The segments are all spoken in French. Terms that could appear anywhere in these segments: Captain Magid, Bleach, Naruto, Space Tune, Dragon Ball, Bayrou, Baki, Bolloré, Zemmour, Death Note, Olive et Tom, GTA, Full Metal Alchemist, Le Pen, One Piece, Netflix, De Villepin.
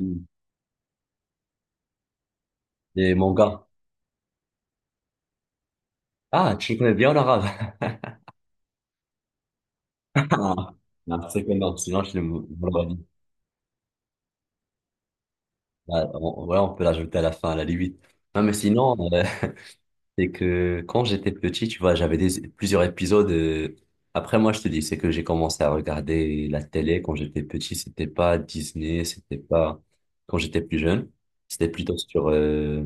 Mm. Des mangas. Ah, tu connais bien l'arabe. Ah, ah, c'est énorme. Sinon, je le dis. Voilà, on ouais, on peut l'ajouter à la fin, à la limite. Non, mais sinon, c'est que quand j'étais petit, tu vois, j'avais des, plusieurs épisodes. Après, moi, je te dis, c'est que j'ai commencé à regarder la télé quand j'étais petit. C'était pas Disney, c'était pas quand j'étais plus jeune. C'était plutôt sur.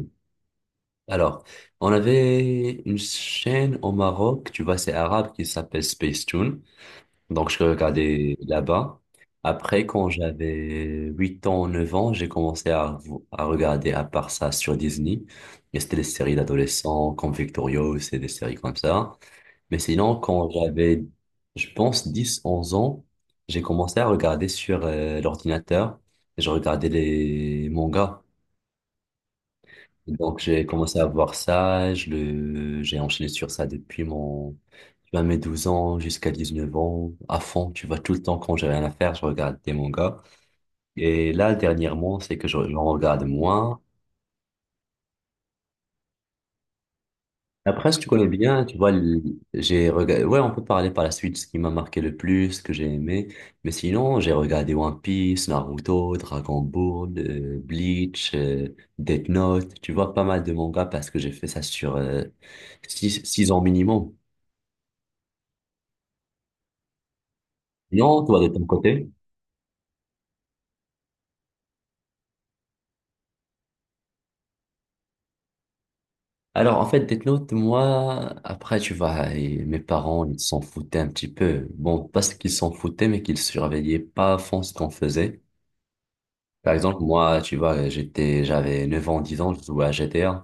Alors, on avait une chaîne au Maroc, tu vois, c'est arabe qui s'appelle Space Tune. Donc, je regardais là-bas. Après, quand j'avais 8 ans, 9 ans, j'ai commencé à regarder à part ça sur Disney. Et c'était des séries d'adolescents comme Victorious et des séries comme ça. Mais sinon, quand j'avais, je pense, 10 11 ans, j'ai commencé à regarder sur l'ordinateur. Je regardais les mangas. Donc, j'ai commencé à voir ça. J'ai enchaîné sur ça depuis mon tu vas mes 12 ans jusqu'à 19 ans, à fond, tu vas tout le temps quand j'ai rien à faire, je regarde des mangas. Et là, dernièrement, c'est que j'en regarde moins. Après, si tu connais bien, tu vois, j'ai regardé, ouais, on peut parler par la suite, ce qui m'a marqué le plus, ce que j'ai aimé. Mais sinon, j'ai regardé One Piece, Naruto, Dragon Ball, Bleach, Death Note, tu vois, pas mal de mangas parce que j'ai fait ça sur 6 ans minimum. Non, toi, de ton côté? Alors, en fait, Death Note, moi, après, tu vois, et mes parents, ils s'en foutaient un petit peu. Bon, pas ce qu'ils s'en foutaient, mais qu'ils surveillaient pas à fond ce qu'on faisait. Par exemple, moi, tu vois, j'avais 9 ans, 10 ans, je jouais à GTA.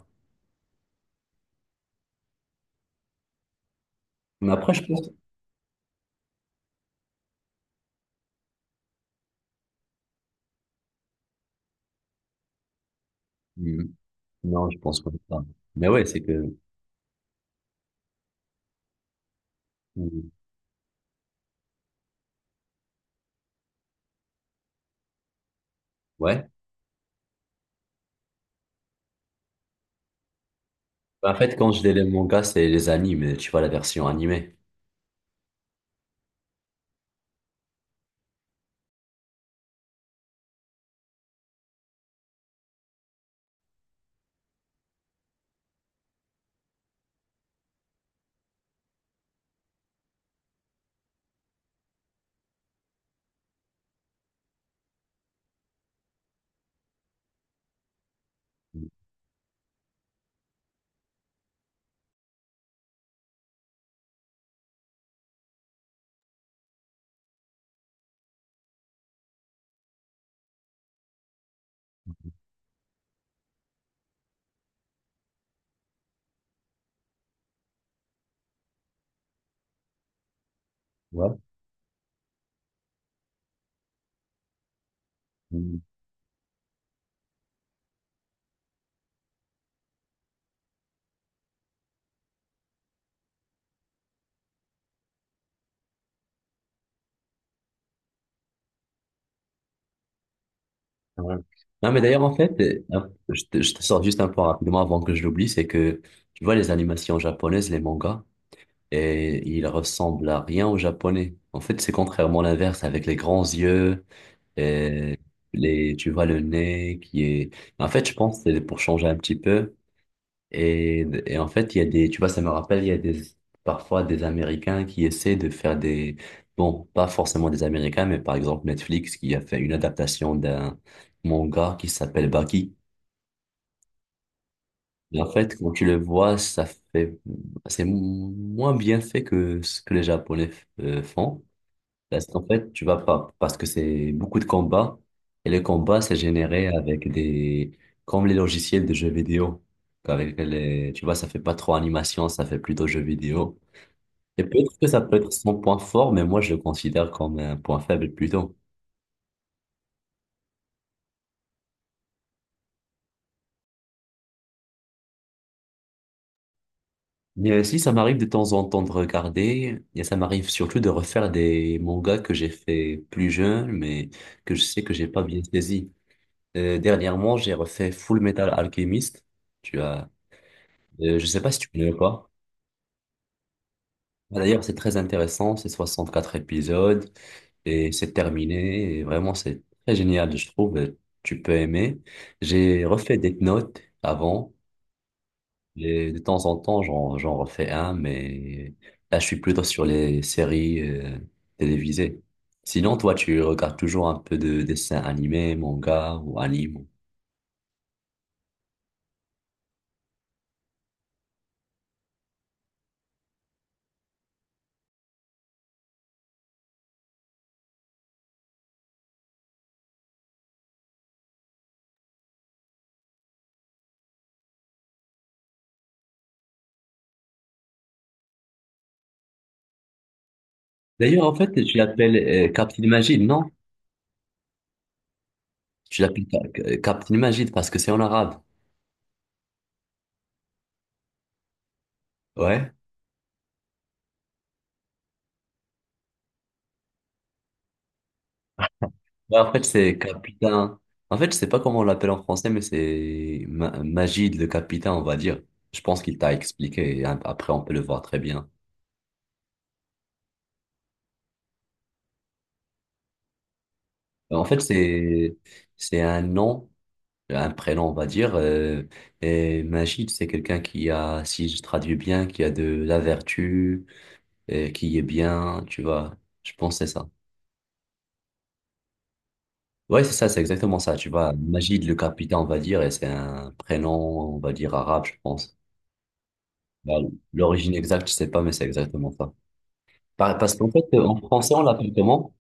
Mais après, je pense... Hmm. Non, je pense pas. Mais ouais, c'est que... Hmm. Ouais. En fait, quand je dis les mangas, c'est les animes, tu vois, la version animée. Ouais. Ouais. Non, mais d'ailleurs, en fait, je te sors juste un point rapidement avant que je l'oublie, c'est que tu vois les animations japonaises, les mangas, et ils ressemblent à rien aux japonais. En fait, c'est contrairement l'inverse, avec les grands yeux, et les, tu vois le nez qui est... En fait, je pense que c'est pour changer un petit peu. Et en fait, il y a des, tu vois, ça me rappelle, il y a des, parfois des Américains qui essaient de faire des, bon, pas forcément des Américains, mais par exemple Netflix qui a fait une adaptation d'un manga qui s'appelle Baki. Et en fait, quand tu le vois, ça fait, c'est moins bien fait que ce que les Japonais font. Parce qu'en fait, tu vas pas, parce que c'est beaucoup de combats, et les combats, c'est généré avec des, comme les logiciels de jeux vidéo. Avec les, tu vois, ça fait pas trop animation, ça fait plutôt jeux vidéo. Et peut-être que ça peut être son point fort, mais moi, je le considère comme un point faible plutôt. Mais aussi, ça m'arrive de temps en temps de regarder, et ça m'arrive surtout de refaire des mangas que j'ai fait plus jeune, mais que je sais que j'ai pas bien saisi. Dernièrement, j'ai refait Full Metal Alchemist. Tu as, je sais pas si tu connais ou pas. Bah, d'ailleurs, c'est très intéressant, c'est 64 épisodes et c'est terminé. Et vraiment, c'est très génial, je trouve. Et tu peux aimer. J'ai refait des notes avant et de temps en temps, j'en refais un, mais là, je suis plutôt sur les séries télévisées. Sinon, toi, tu regardes toujours un peu de dessins animés, manga ou anime. D'ailleurs, en fait, tu l'appelles Captain Magid, non? Tu l'appelles Captain Magid parce que c'est en arabe. Ouais. Bah, en fait, c'est capitaine. En fait, je sais pas comment on l'appelle en français, mais c'est Magid, le capitaine, on va dire. Je pense qu'il t'a expliqué et après, on peut le voir très bien. Bah, en fait, c'est un nom, un prénom, on va dire. Et Magid, c'est quelqu'un qui a, si je traduis bien, qui a de la vertu, et qui est bien, tu vois. Je pense que c'est ça. Ouais, c'est ça, c'est exactement ça, tu vois. Magid, le capitaine, on va dire, et c'est un prénom, on va dire, arabe, je pense. Bah, l'origine exacte, je sais pas, mais c'est exactement ça. Parce qu'en fait, en français, on l'appelle comment?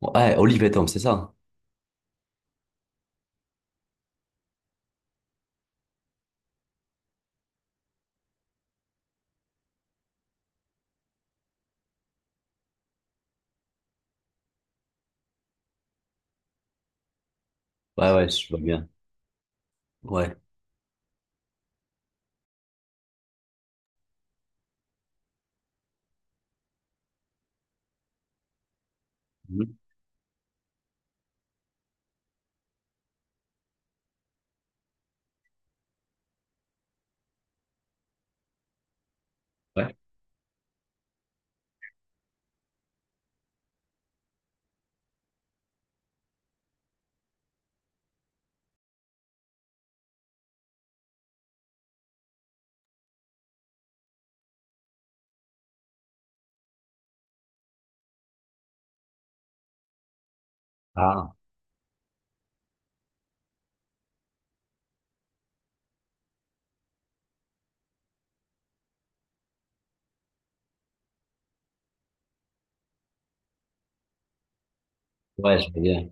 Ouais, Olive et Tom, c'est ça? Hein. Ouais, ouais, je vois bien. Ouais. Mhm. Ouais. Ah, ouais, je vois bien.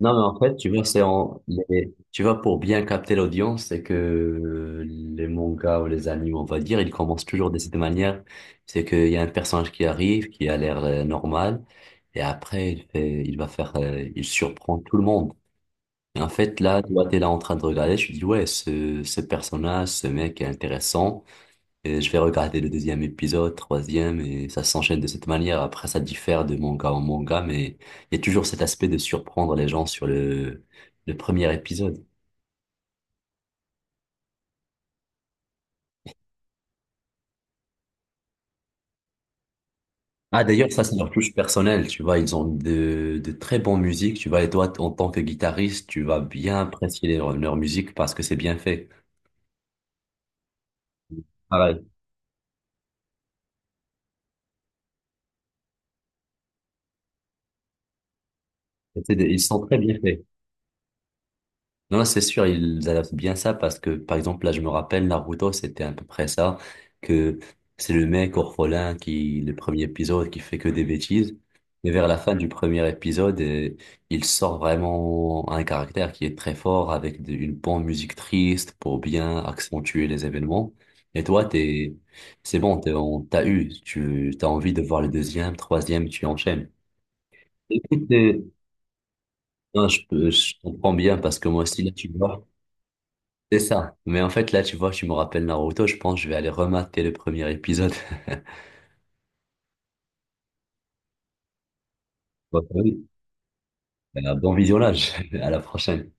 Non, mais en fait, tu vois, c'est en, tu vois, pour bien capter l'audience, c'est que les mangas ou les animes, on va dire, ils commencent toujours de cette manière. C'est qu'il y a un personnage qui arrive, qui a l'air normal, et après, il va faire, il surprend tout le monde. Et en fait, là, toi, t'es là en train de regarder, je te dis, ouais, ce personnage, ce mec est intéressant, et je vais regarder le deuxième épisode, troisième, et ça s'enchaîne de cette manière. Après, ça diffère de manga en manga, mais il y a toujours cet aspect de surprendre les gens sur le premier épisode. Ah, d'ailleurs, ça, c'est leur touche personnelle, tu vois, ils ont de très bonnes musiques, tu vois, et toi, en tant que guitariste, tu vas bien apprécier leur musique parce que c'est bien fait. Pareil, ils sont très bien faits. Non, c'est sûr, ils adaptent bien ça parce que, par exemple, là, je me rappelle, Naruto, c'était à peu près ça, que c'est le mec orphelin qui, le premier épisode, qui fait que des bêtises. Mais vers la fin du premier épisode, il sort vraiment un caractère qui est très fort avec une bonne musique triste pour bien accentuer les événements. Et toi, t'es, c'est bon, t'es, on t'a eu, tu, t'as envie de voir le deuxième, troisième, tu enchaînes. Écoute, non, je comprends bien parce que moi aussi, là, tu vois. C'est ça. Mais en fait, là, tu vois, tu me rappelles Naruto, je pense que je vais aller remater le premier épisode. Bon, oui. Un bon visionnage. À la prochaine.